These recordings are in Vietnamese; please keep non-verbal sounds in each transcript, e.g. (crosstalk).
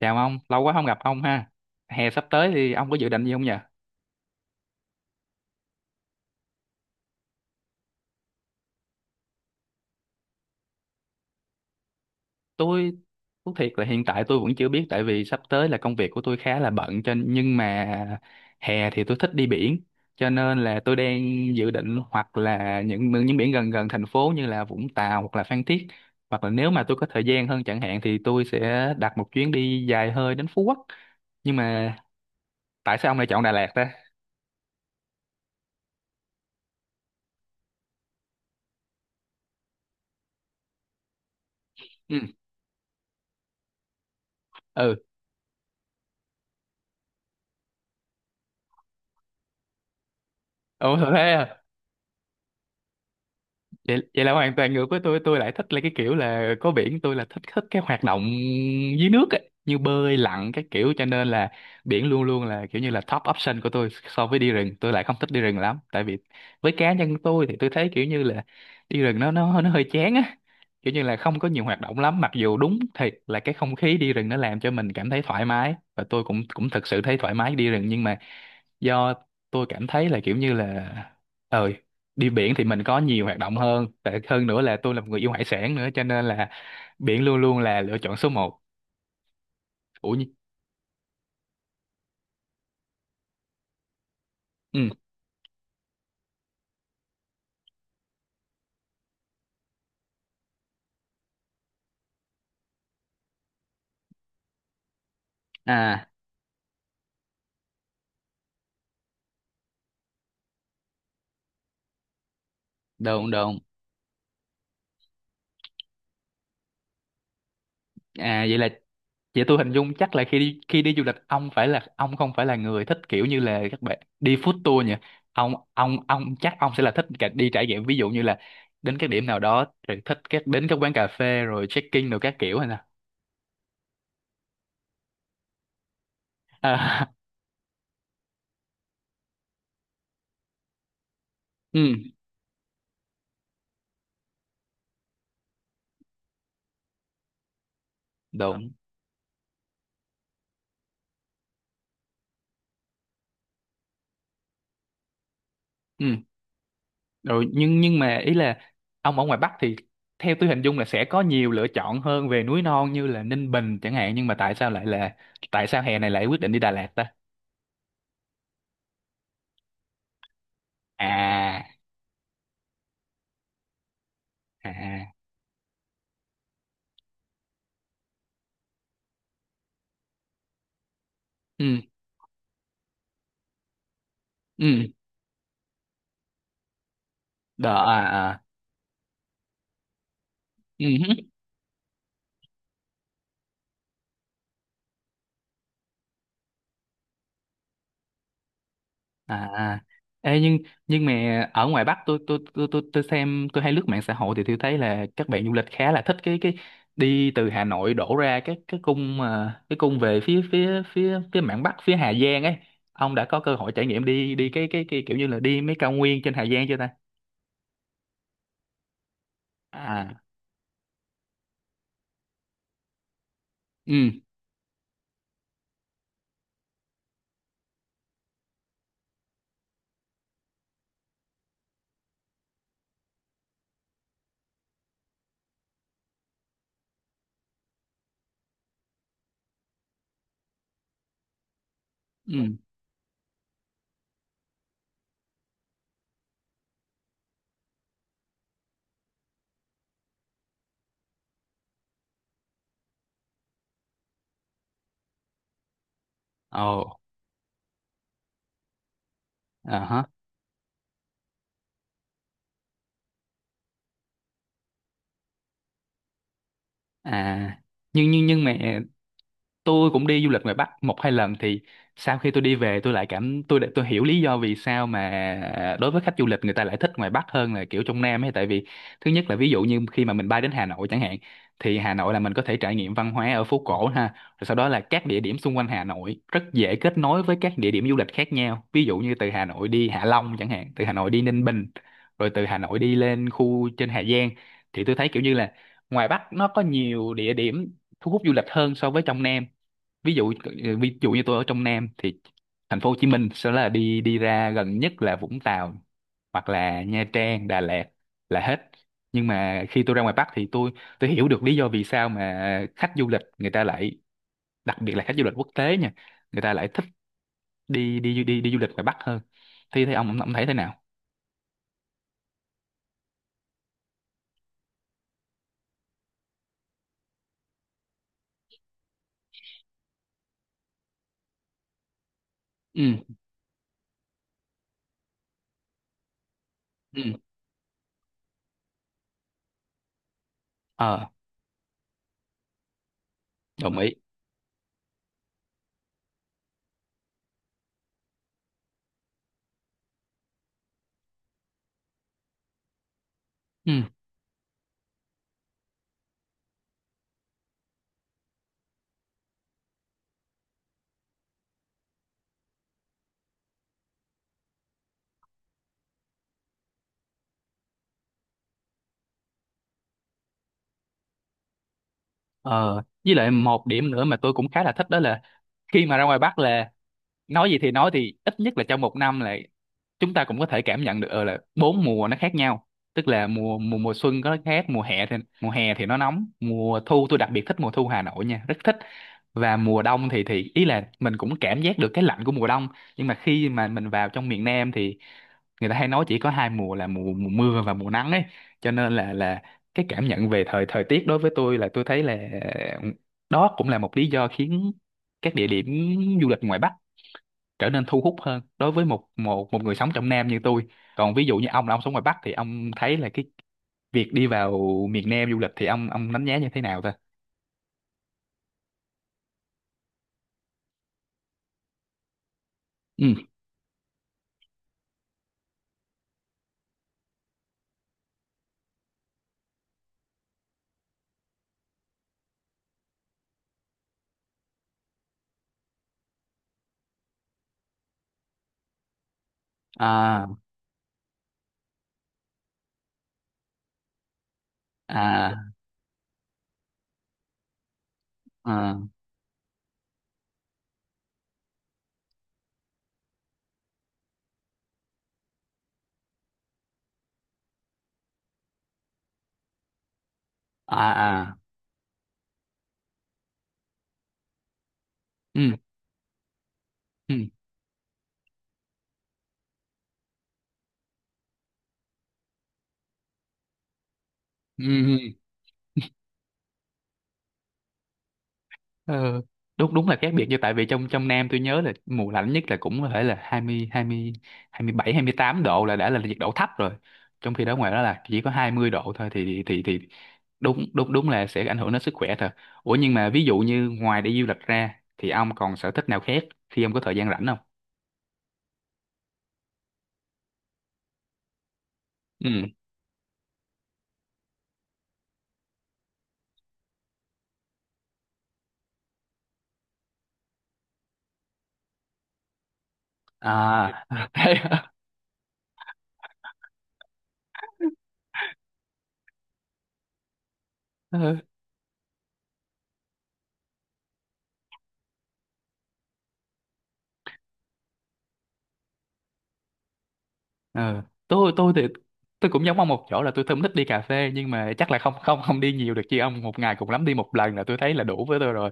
Chào ông, lâu quá không gặp ông ha. Hè sắp tới thì ông có dự định gì không nhỉ? Tôi thú thiệt là hiện tại tôi vẫn chưa biết, tại vì sắp tới là công việc của tôi khá là bận cho nhưng mà hè thì tôi thích đi biển, cho nên là tôi đang dự định hoặc là những biển gần gần thành phố như là Vũng Tàu hoặc là Phan Thiết, hoặc là nếu mà tôi có thời gian hơn chẳng hạn thì tôi sẽ đặt một chuyến đi dài hơi đến Phú Quốc. Nhưng mà tại sao ông lại chọn Đà Lạt ta? Ừ. Ừ. Ủa thế vậy là hoàn toàn ngược với tôi lại thích là cái kiểu là có biển, tôi là thích thích cái hoạt động dưới nước ấy, như bơi lặn các kiểu, cho nên là biển luôn luôn là kiểu như là top option của tôi. So với đi rừng, tôi lại không thích đi rừng lắm, tại vì với cá nhân tôi thì tôi thấy kiểu như là đi rừng nó hơi chán á, kiểu như là không có nhiều hoạt động lắm, mặc dù đúng thiệt là cái không khí đi rừng nó làm cho mình cảm thấy thoải mái, và tôi cũng cũng thực sự thấy thoải mái đi rừng, nhưng mà do tôi cảm thấy là kiểu như là ờ đi biển thì mình có nhiều hoạt động hơn. Tệ hơn nữa là tôi là một người yêu hải sản nữa, cho nên là biển luôn luôn là lựa chọn số một. ủa nhi- ừ. À. đồn đồn. À. Vậy vậy tôi hình dung chắc là khi đi du lịch, ông không phải là người thích kiểu như là các bạn đi food tour nhỉ. Ông chắc ông sẽ là thích cả đi trải nghiệm, ví dụ như là đến các điểm nào đó, rồi thích đến các quán cà phê rồi check-in rồi các kiểu hay nào. À. (laughs) Ừ. Đúng. Ừ. Rồi, nhưng mà ý là ông ở ngoài Bắc thì theo tôi hình dung là sẽ có nhiều lựa chọn hơn về núi non như là Ninh Bình chẳng hạn, nhưng mà tại sao hè này lại quyết định đi Đà Lạt ta? À. À. À. Ừ. Ừ. Đó à. À. Ừ. À. À. Ê, nhưng mà ở ngoài Bắc, tôi xem, tôi hay lướt mạng xã hội thì tôi thấy là các bạn du lịch khá là thích cái đi từ Hà Nội đổ ra cái cung mà cái cung về phía phía phía phía mạn Bắc, phía Hà Giang ấy. Ông đã có cơ hội trải nghiệm đi đi cái kiểu như là đi mấy cao nguyên trên Hà Giang chưa ta? À. Ừ. Ừ. Ồ. À hả. À, nhưng mà tôi cũng đi du lịch ngoài Bắc một hai lần, thì sau khi tôi đi về, tôi lại cảm tôi đã- tôi hiểu lý do vì sao mà đối với khách du lịch, người ta lại thích ngoài Bắc hơn là kiểu trong Nam ấy. Tại vì thứ nhất là, ví dụ như khi mà mình bay đến Hà Nội chẳng hạn, thì Hà Nội là mình có thể trải nghiệm văn hóa ở phố cổ ha, rồi sau đó là các địa điểm xung quanh Hà Nội rất dễ kết nối với các địa điểm du lịch khác nhau, ví dụ như từ Hà Nội đi Hạ Long chẳng hạn, từ Hà Nội đi Ninh Bình, rồi từ Hà Nội đi lên khu trên Hà Giang, thì tôi thấy kiểu như là ngoài Bắc nó có nhiều địa điểm thu hút du lịch hơn so với trong Nam. ví dụ ờ, Ví dụ như tôi ở trong Nam thì thành phố Hồ Chí Minh sẽ là đi đi ra gần nhất là Vũng Tàu, hoặc là Nha Trang, Đà Lạt là hết. Nhưng mà khi tôi ra ngoài Bắc thì tôi hiểu được lý do vì sao mà khách du lịch người ta lại, đặc biệt là khách du lịch quốc tế nha, người ta lại thích đi đi đi đi du lịch ngoài Bắc hơn. Thì ông thấy thế nào? Ừ. Ừ. ờ Đồng ý. Ừ. ờ với lại một điểm nữa mà tôi cũng khá là thích đó là khi mà ra ngoài Bắc là nói gì thì nói, thì ít nhất là trong một năm là chúng ta cũng có thể cảm nhận được là bốn mùa nó khác nhau. Tức là mùa mùa mùa xuân có khác mùa hè, thì mùa hè thì nó nóng, mùa thu tôi đặc biệt thích mùa thu Hà Nội nha, rất thích. Và mùa đông thì ý là mình cũng cảm giác được cái lạnh của mùa đông. Nhưng mà khi mà mình vào trong miền Nam thì người ta hay nói chỉ có hai mùa là mùa mùa mưa và mùa nắng ấy, cho nên là cái cảm nhận về thời thời tiết đối với tôi, là tôi thấy là ờ, đó cũng là một lý do khiến các địa điểm du lịch ngoài Bắc trở nên thu hút hơn đối với một một một người sống trong Nam như tôi. Còn ví dụ như ông là ông sống ngoài Bắc thì ông thấy là cái việc đi vào miền Nam du lịch thì ông đánh giá như thế nào ta? Ừ. À. À. À. À. À. Ừ. Ừ. Ừ. Ừ. Ờ, đúng đúng là khác biệt. Như tại vì trong trong Nam tôi nhớ là mùa lạnh nhất là cũng có thể là hai hai hai mươi mươi mươi bảy, 28 độ là đã là nhiệt độ thấp rồi. Trong khi đó ngoài đó là chỉ có 20 độ thôi, thì thì đúng đúng đúng là sẽ ảnh hưởng đến sức khỏe thật. Ủa nhưng mà ví dụ như ngoài đi du lịch ra thì ông còn sở thích nào khác khi ông có thời gian rảnh không? Ừ. À. (laughs) Thế hả? Ừ. Ừ. tôi thì tôi cũng giống ông một chỗ là tôi không thích đi cà phê. Nhưng mà chắc là không không không đi nhiều được chứ ông, một ngày cũng lắm đi một lần là tôi thấy là đủ với tôi rồi.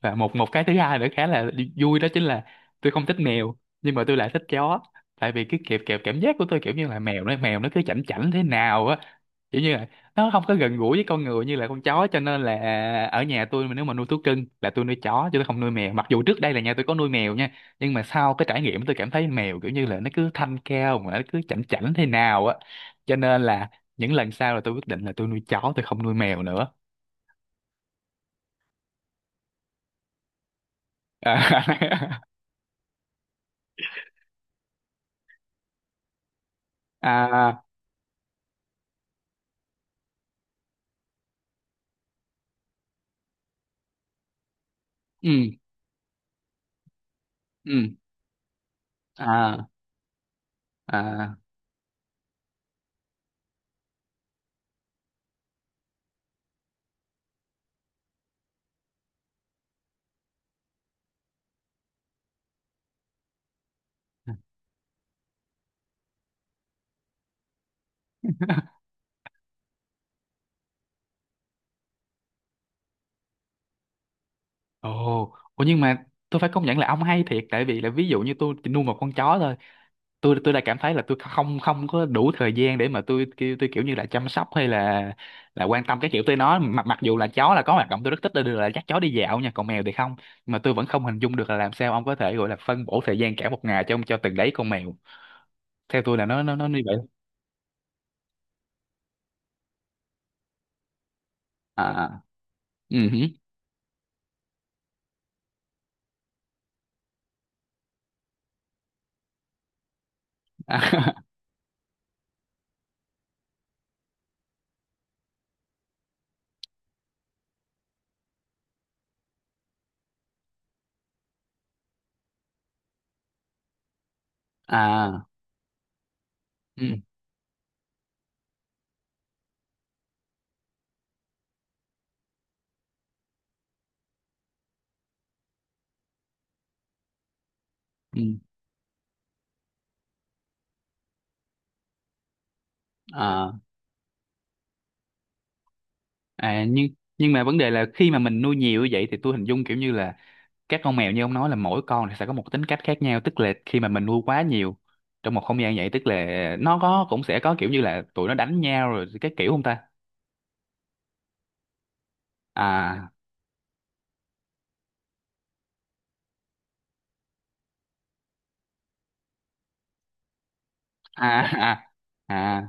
Và một một cái thứ hai nữa khá là vui đó chính là tôi không thích mèo, nhưng mà tôi lại thích chó. Tại vì cái kẹp kẹp cảm giác của tôi kiểu như là mèo nó cứ chảnh chảnh thế nào á, kiểu như là nó không có gần gũi với con người như là con chó, cho nên là ở nhà tôi mà nếu mà nuôi thú cưng là tôi nuôi chó chứ tôi không nuôi mèo, mặc dù trước đây là nhà tôi có nuôi mèo nha. Nhưng mà sau cái trải nghiệm, tôi cảm thấy mèo kiểu như là nó cứ thanh cao mà nó cứ chảnh chảnh thế nào á, cho nên là những lần sau là tôi quyết định là tôi nuôi chó, tôi không nuôi mèo nữa. (laughs) À. Ừ. Ừ. À. À. (laughs) Ồ. Ồ, nhưng mà tôi phải công nhận là ông hay thiệt. Tại vì là ví dụ như tôi chỉ nuôi một con chó thôi, tôi đã cảm thấy là tôi không không có đủ thời gian để mà tôi kiểu như là chăm sóc hay là quan tâm cái kiểu tới nó, mặc mặc dù là chó là có hoạt động tôi rất thích là dắt chó đi dạo nha, còn mèo thì không. Mà tôi vẫn không hình dung được là làm sao ông có thể gọi là phân bổ thời gian cả một ngày cho từng đấy con mèo, theo tôi là nó như vậy. À. À. Ừ hử. À. (laughs) À. Ừ. Ừ. À. À. Nhưng mà vấn đề là khi mà mình nuôi nhiều như vậy thì tôi hình dung kiểu như là các con mèo như ông nói là mỗi con thì sẽ có một tính cách khác nhau, tức là khi mà mình nuôi quá nhiều trong một không gian vậy, tức là nó có cũng sẽ có kiểu như là tụi nó đánh nhau rồi cái kiểu, không ta? À. À. (laughs) À. À.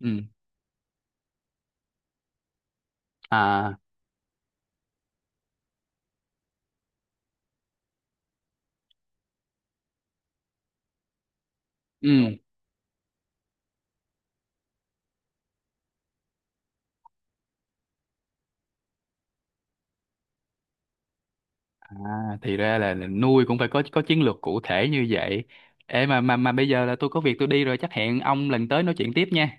Ừ. À. Ừ. À. Thì ra là, nuôi cũng phải có chiến lược cụ thể như vậy. Ê, mà bây giờ là tôi có việc tôi đi rồi, chắc hẹn ông lần tới nói chuyện tiếp nha.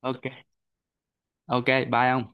OK. OK. Bye ông.